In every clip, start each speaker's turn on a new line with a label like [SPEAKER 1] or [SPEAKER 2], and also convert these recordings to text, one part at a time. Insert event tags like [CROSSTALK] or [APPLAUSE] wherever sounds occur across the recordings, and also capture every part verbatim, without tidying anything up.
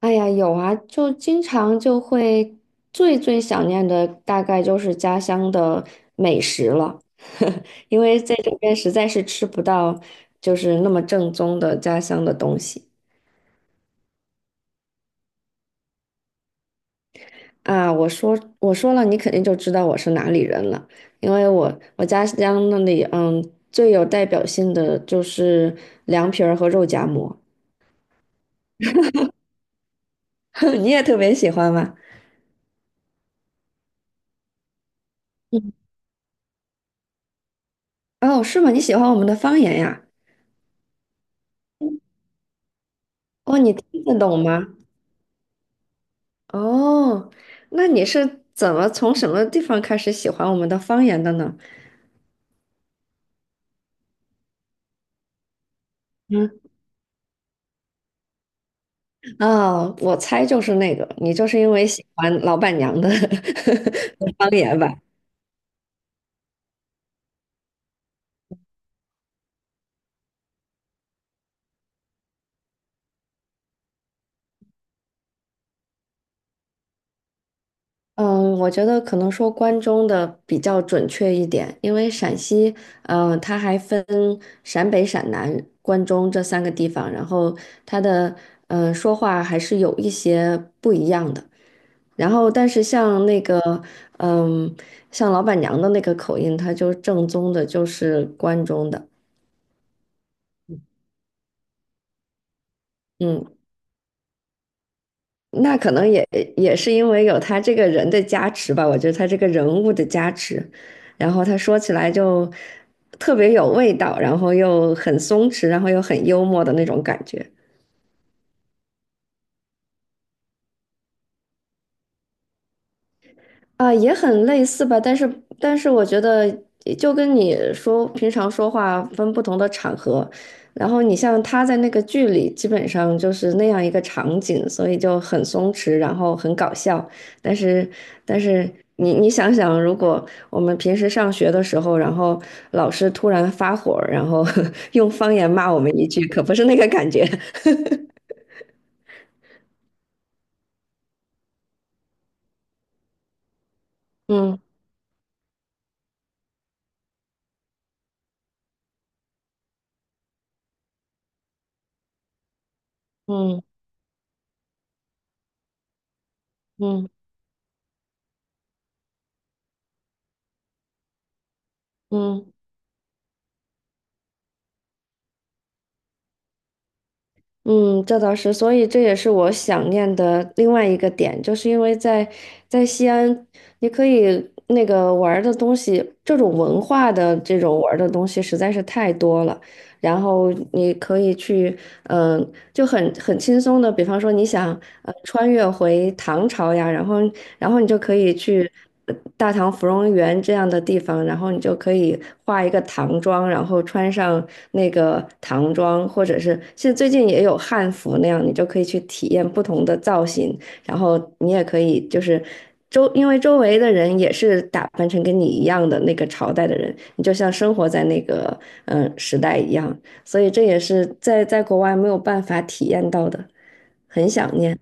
[SPEAKER 1] 哎呀，有啊，就经常就会最最想念的大概就是家乡的美食了。[LAUGHS] 因为在这边实在是吃不到就是那么正宗的家乡的东西啊。我说我说了，你肯定就知道我是哪里人了，因为我我家乡那里嗯最有代表性的就是凉皮儿和肉夹馍。[LAUGHS] 你也特别喜欢吗？嗯。哦，是吗？你喜欢我们的方言呀？哦，你听得懂吗？哦，那你是怎么从什么地方开始喜欢我们的方言的呢？嗯，哦，我猜就是那个，你就是因为喜欢老板娘的 [LAUGHS] 方言吧？嗯，我觉得可能说关中的比较准确一点。因为陕西，嗯、它还分陕北、陕南、关中这三个地方，然后它的嗯、呃说话还是有一些不一样的。然后，但是像那个，嗯，像老板娘的那个口音，她就正宗的，就是关中的。嗯。那可能也也是因为有他这个人的加持吧，我觉得他这个人物的加持，然后他说起来就特别有味道，然后又很松弛，然后又很幽默的那种感觉。啊，也很类似吧，但是但是我觉得就跟你说平常说话分不同的场合，然后你像他在那个剧里基本上就是那样一个场景，所以就很松弛，然后很搞笑。但是但是你你想想，如果我们平时上学的时候，然后老师突然发火儿然后 [LAUGHS] 用方言骂我们一句，可不是那个感觉。[LAUGHS] 嗯嗯嗯嗯。嗯，这倒是，所以这也是我想念的另外一个点，就是因为在在西安，你可以那个玩儿的东西，这种文化的这种玩儿的东西实在是太多了。然后你可以去，嗯、就很很轻松的，比方说你想呃穿越回唐朝呀，然后然后你就可以去呃大唐芙蓉园这样的地方，然后你就可以化一个唐装，然后穿上那个唐装，或者是现在最近也有汉服那样，你就可以去体验不同的造型，然后你也可以就是周，因为周围的人也是打扮成跟你一样的那个朝代的人，你就像生活在那个嗯、呃时代一样，所以这也是在在国外没有办法体验到的，很想念。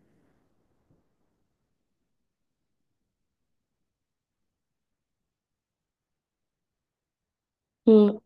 [SPEAKER 1] 嗯。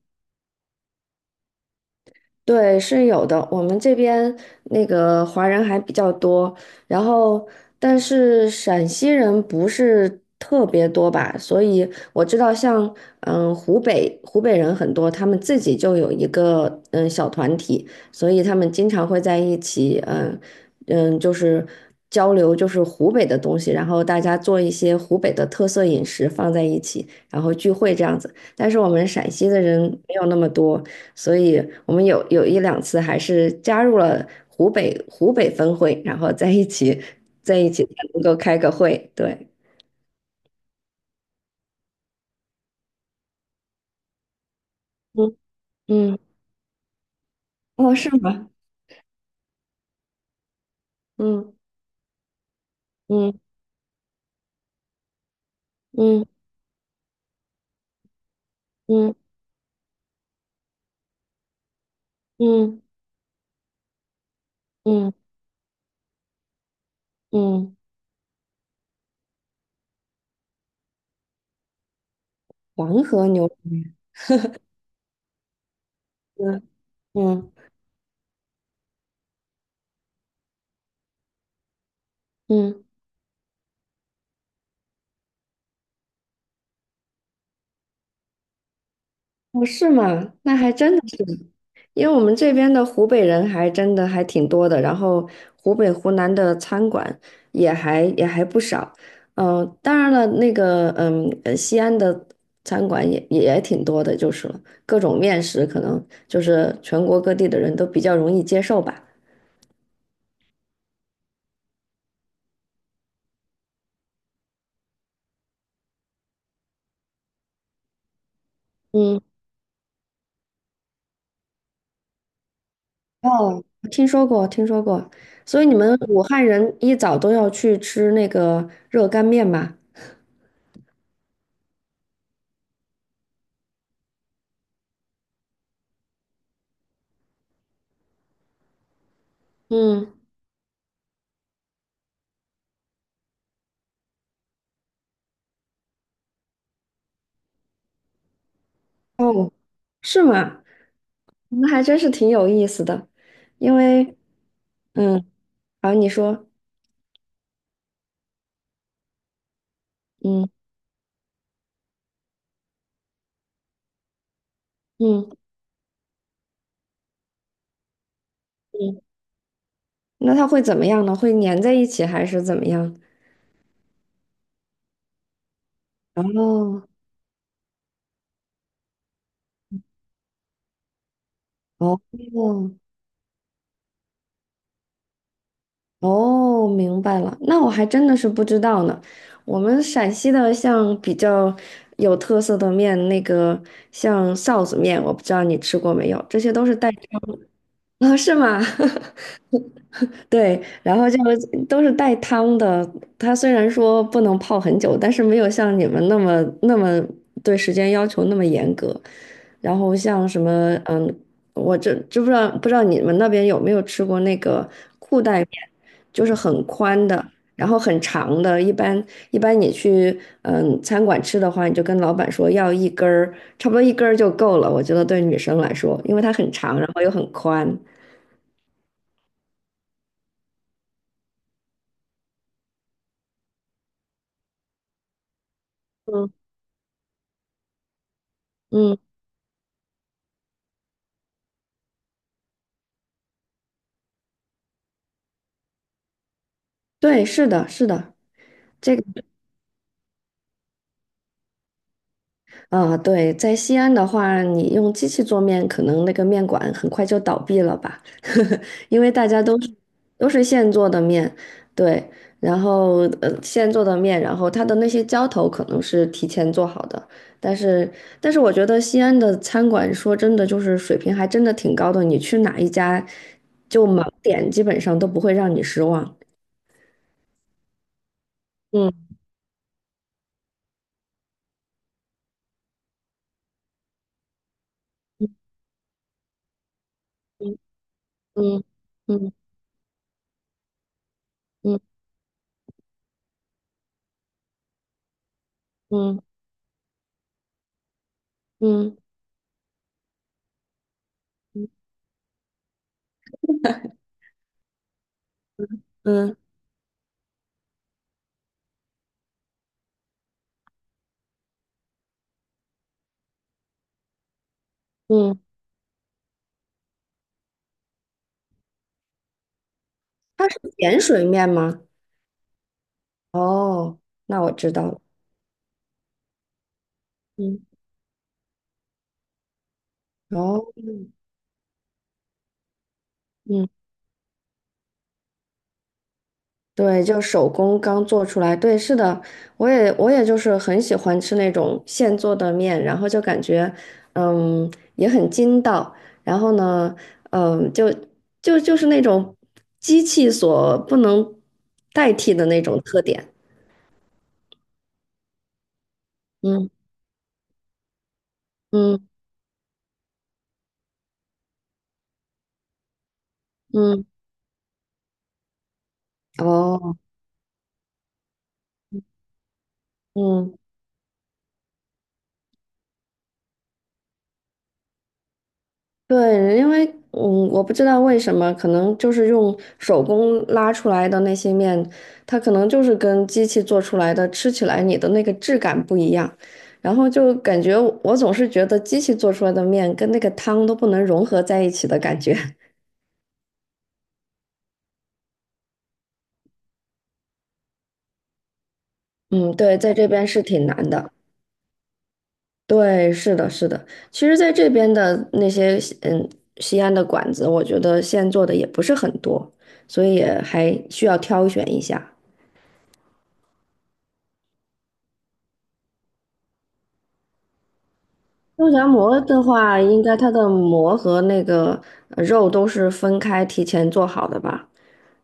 [SPEAKER 1] 对，是有的。我们这边那个华人还比较多，然后但是陕西人不是特别多吧，所以我知道像嗯湖北湖北人很多，他们自己就有一个嗯小团体，所以他们经常会在一起。嗯嗯就是交流就是湖北的东西，然后大家做一些湖北的特色饮食放在一起，然后聚会这样子。但是我们陕西的人没有那么多。所以我们有有一两次还是加入了湖北湖北分会，然后在一起在一起才能够开个会。对。嗯。嗯，哦，是吗？嗯嗯嗯嗯嗯嗯嗯，黄河牛，嗯嗯嗯。哦，是吗？那还真的是，因为我们这边的湖北人还真的还挺多的，然后湖北、湖南的餐馆也还也还不少。嗯、当然了，那个嗯，呃西安的餐馆也也挺多的，就是了，各种面食可能就是全国各地的人都比较容易接受吧。嗯。哦，听说过，听说过。所以你们武汉人一早都要去吃那个热干面吗？嗯。哦，是吗？那还真是挺有意思的。因为，嗯，好，你说。嗯嗯嗯，那它会怎么样呢？会粘在一起还是怎么样？哦哦哦，明白了。那我还真的是不知道呢。我们陕西的像比较有特色的面，那个像臊子面，我不知道你吃过没有，这些都是带 [LAUGHS] 啊，是吗？[LAUGHS] 对，然后就都是带汤的。它虽然说不能泡很久，但是没有像你们那么那么对时间要求那么严格。然后像什么，嗯，我这知不知道不知道你们那边有没有吃过那个裤带面，就是很宽的，然后很长的。一般一般你去嗯餐馆吃的话，你就跟老板说要一根儿，差不多一根儿就够了。我觉得对女生来说，因为它很长，然后又很宽。嗯嗯，对，是的，是的。这个啊，对，在西安的话，你用机器做面，可能那个面馆很快就倒闭了吧。[LAUGHS] 因为大家都是都是现做的面。对，然后呃现做的面，然后它的那些浇头可能是提前做好的，但是但是我觉得西安的餐馆说真的就是水平还真的挺高的，你去哪一家就盲点基本上都不会让你失望。嗯嗯嗯嗯嗯嗯嗯嗯嗯嗯。它是碱水面吗？哦，那我知道了。嗯，哦，嗯，对，就手工刚做出来。对，是的，我也我也就是很喜欢吃那种现做的面，然后就感觉，嗯，也很筋道。然后呢，嗯，就就就是那种机器所不能代替的那种特点。嗯嗯嗯，哦，嗯。对，因为嗯，我不知道为什么，可能就是用手工拉出来的那些面，它可能就是跟机器做出来的，吃起来你的那个质感不一样，然后就感觉我总是觉得机器做出来的面跟那个汤都不能融合在一起的感觉。[LAUGHS] 嗯，对，在这边是挺难的。对，是的，是的。其实，在这边的那些西嗯西安的馆子，我觉得现做的也不是很多，所以也还需要挑选一下。肉夹馍的话，应该它的馍和那个呃肉都是分开提前做好的吧？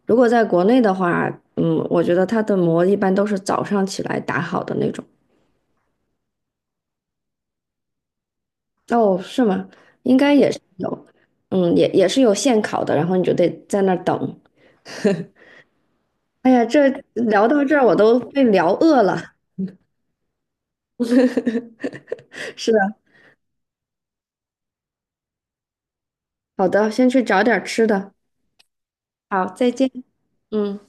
[SPEAKER 1] 如果在国内的话，嗯，我觉得它的馍一般都是早上起来打好的那种。哦，是吗？应该也是有，嗯，也也是有现烤的，然后你就得在那儿等。哎呀，这聊到这儿我都被聊饿了。[LAUGHS] 是的。好的，先去找点儿吃的。好，再见。嗯。